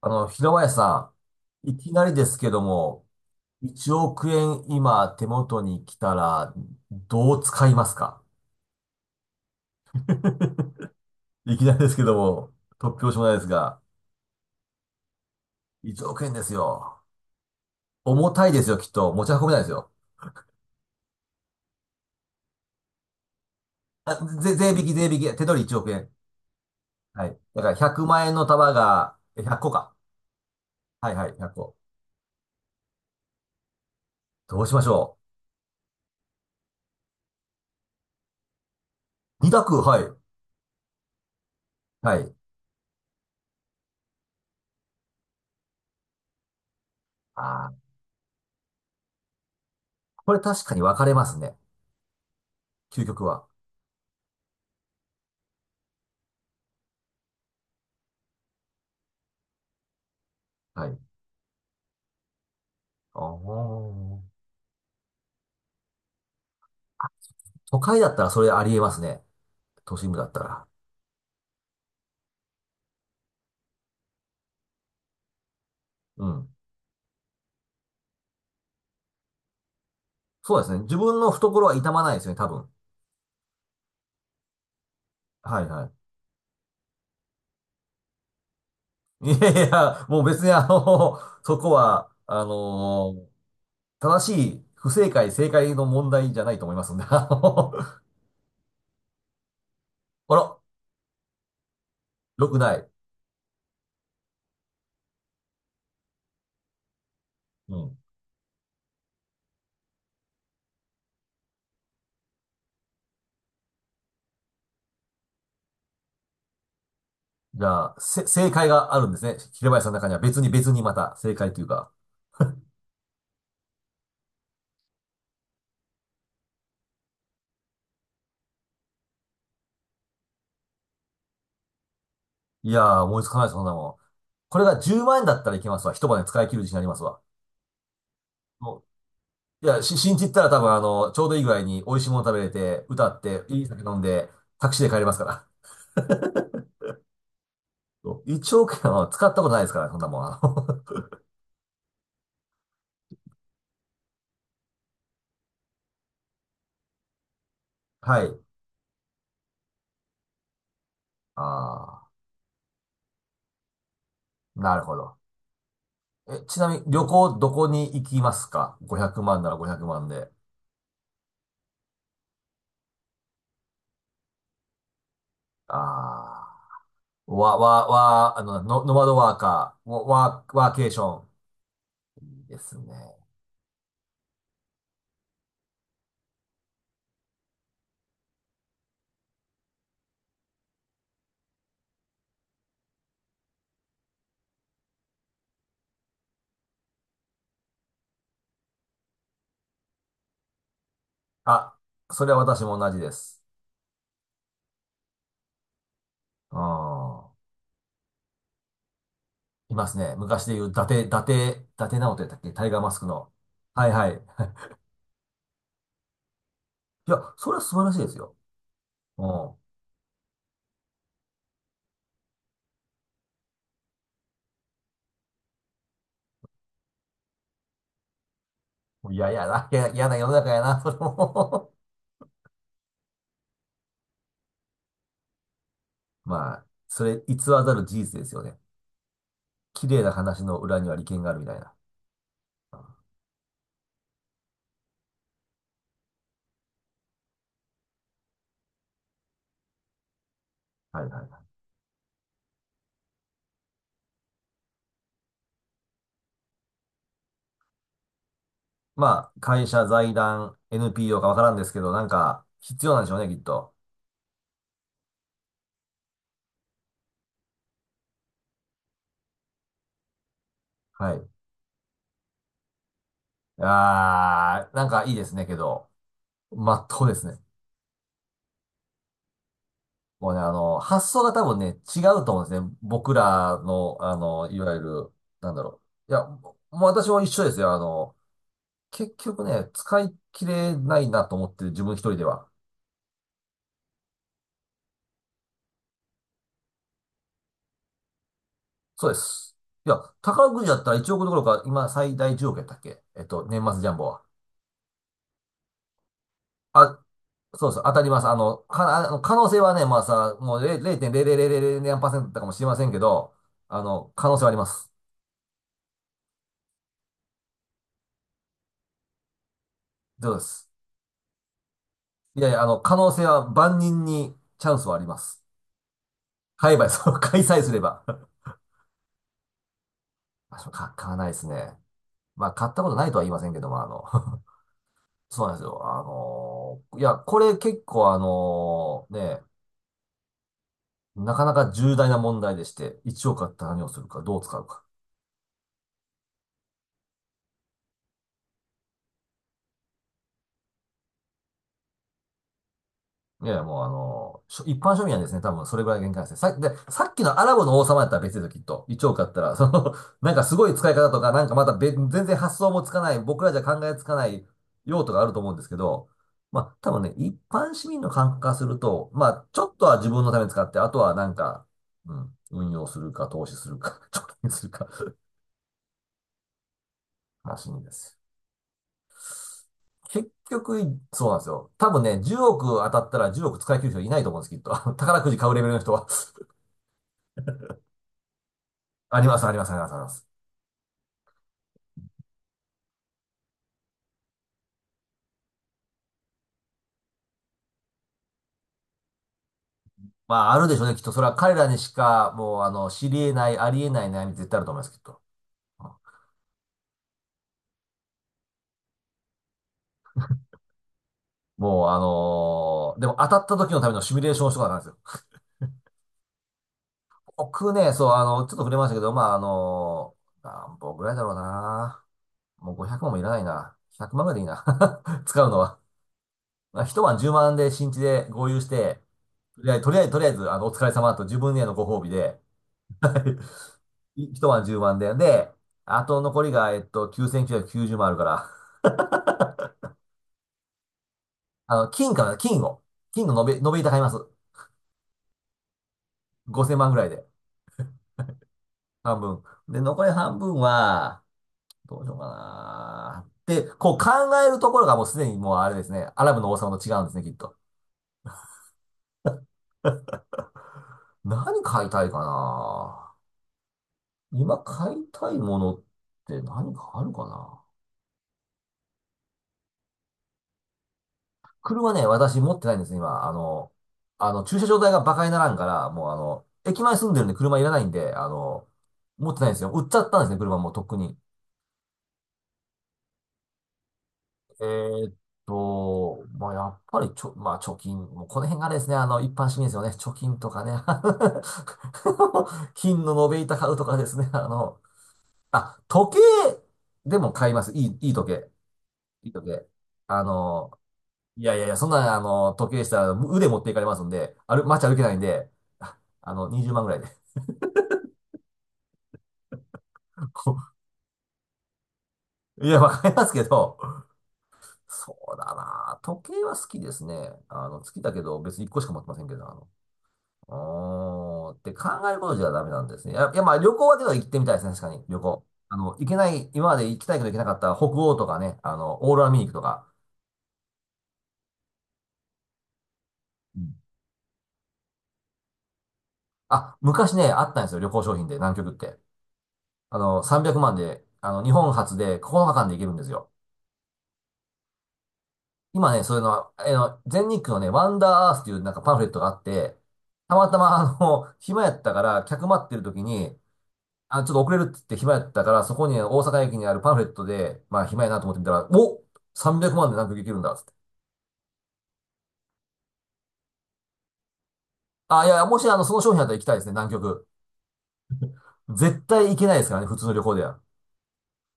平林さん、いきなりですけども、1億円今手元に来たら、どう使いますか？ いきなりですけども、突拍子もないですが、1億円ですよ。重たいですよ、きっと。持ち運べないですよ。あ、税引き、税引き。手取り1億円。はい。だから100万円の束が、100個か。はいはい、1個。どうしましょう。2択、はい。はい。あーこれ確かに分かれますね。究極は。はい。ああ。都会だったらそれありえますね。都心部だったら。うん。そうですね。自分の懐は痛まないですね、多分。はいはい。いやいや、もう別にそこは、正しい不正解、正解の問題じゃないと思いますんで、あら、良くない。うん。じゃあ、正解があるんですね。平林さんの中には別にまた正解というか。いやー、思いつかないです、そんなもん。これが10万円だったらいけますわ。一晩で使い切る自信ありますわ。もいや、新地行ったら多分ちょうどいい具合に美味しいもの食べれて、歌って、いい酒飲んで、タクシーで帰れますから。そう億円は使ったことないですから、そんなもん。はい。ああ、なるほど。え、ちなみに旅行どこに行きますか？ 500 万なら500万で。ああ、わ、わ、わ、あの、ノ、ノマドワーカー、ワワーケーション。いいですね。あ、それは私も同じです。うん。いますね。昔で言う、伊達直人やったっけタイガーマスクの。はいはい。いや、それは素晴らしいですよ。うん。いや、いやな、いや、嫌な世の中やな、それも まあ、それ偽らざる事実ですよね。綺麗な話の裏には利権があるみたいな。うんはいはいはい。まあ、会社、財団、NPO かわからんですけど、なんか、必要なんでしょうね、きっと。はい。なんかいいですね、けど、まっとうですね。もうね、発想が多分ね、違うと思うんですね。僕らの、いわゆる、なんだろう。いや、もう私も一緒ですよ。結局ね、使い切れないなと思ってる、自分一人では。そうです。いや、宝くじだったら1億どころか、今最大10億やったっけ年末ジャンボは。あ、そうです当たります。あの、か、あの、可能性はね、まあさ、もう0 0.0000何かもしれませんけど、可能性はあります。そうです。いやいや、可能性は万人にチャンスはあります。買えば、開催すれば。あ、そうか、買わないですね。まあ、買ったことないとは言いませんけども、そうなんですよ。いや、これ結構ね、なかなか重大な問題でして、1億あったら何をするか、どう使うか。いやいや、もうあのーしょ一般庶民はですね、多分それぐらいが限界なんですね。で、さっきのアラブの王様やったら別ですよ、きっと。1億あったら、なんかすごい使い方とか、なんかまた別、全然発想もつかない、僕らじゃ考えつかない用途があると思うんですけど、まあ、多分ね、一般市民の感覚からすると、まあ、ちょっとは自分のために使って、あとはなんか、うん、運用するか、投資するか、貯金するからしいんです。結局、そうなんですよ。多分ね、10億当たったら10億使い切る人いないと思うんです、きっと。宝くじ買うレベルの人は。あります、あります、あります、あります。まあ、あるでしょうね、きっと。それは彼らにしか、もう、知り得ない、あり得ない悩み絶対あると思います、きっと。うんもう、でも当たった時のためのシミュレーションをしとかなんですよ。僕ね、そう、ちょっと触れましたけど、まあ、何本ぐらいだろうな。もう500万もいらないな。100万ぐらいでいいな。使うのはまあ一晩10万で新地で合流して、とりあえず、とりあえず、とりあえずお疲れ様と自分へのご褒美で、一晩10万で、あと残りが、9990万あるから、金かな、金の延べ板買います。5000万ぐらいで、半分。で、残り半分は、どうしようかな。で、こう考えるところがもうすでにもうあれですね、アラブの王様と違うんですね、きっと。何買いたいかな。今買いたいものって何かあるかな。車ね、私持ってないんですよ、今。駐車場代が馬鹿にならんから、もう駅前住んでるんで車いらないんで、持ってないんですよ。売っちゃったんですね、車もうとっくに。えーっまあ、やっぱりまあ、貯金、もうこの辺があれですね、一般市民ですよね。貯金とかね。金の延べ板買うとかですね、あ、時計でも買います。いい、いい時計。いい時計。あの、いやいやいや、そんな、時計でしたら腕持っていかれますんで、街歩けないんで、20万ぐらいで。こいや、わかりますけど、そうだな。時計は好きですね。好きだけど、別に1個しか持ってませんけど、うーん、って考えることじゃダメなんですね。いやまあ、旅行はでは行ってみたいですね、確かに、旅行。行けない、今まで行きたいけど行けなかった北欧とかね、オーロラ見に行くとか。うんあ、昔ね、あったんですよ、旅行商品で、南極って。300万で、日本初で9日間で行けるんですよ。今ね、そういうのは、全日空のね、ワンダーアースっていうなんかパンフレットがあって、たまたま暇やったから、客待ってる時に、あ、ちょっと遅れるって言って暇やったから、そこにね大阪駅にあるパンフレットで、まあ暇やなと思ってみたら、お！ 300 万で南極行けるんだっつって。あ、いやもしその商品だったら行きたいですね、南極。絶対行けないですからね、普通の旅行では。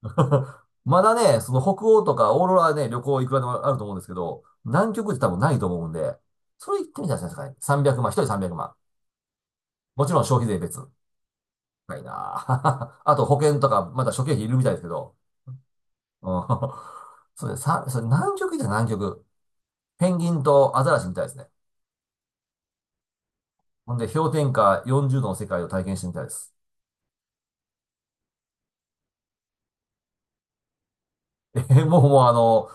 まだね、その北欧とかオーロラはね、旅行いくらでもあると思うんですけど、南極って多分ないと思うんで、それ行ってみたらいですかね。300万、一人300万。もちろん消費税別。高いなあ。あと保険とか、まだ諸経費いるみたいですけど。うん。それ南極。ペンギンとアザラシみたいですね。ほんで、氷点下40度の世界を体験してみたいです。え、もうもう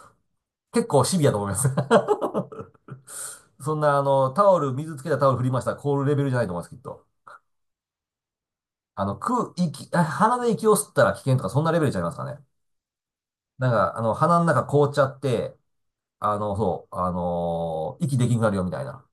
結構シビアと思います。そんなタオル、水つけたタオル振りましたら凍るレベルじゃないと思います、きっと。あ鼻で息を吸ったら危険とか、そんなレベルちゃいますかね。なんか、鼻の中凍っちゃって、そう、息できなくなるよみたいな。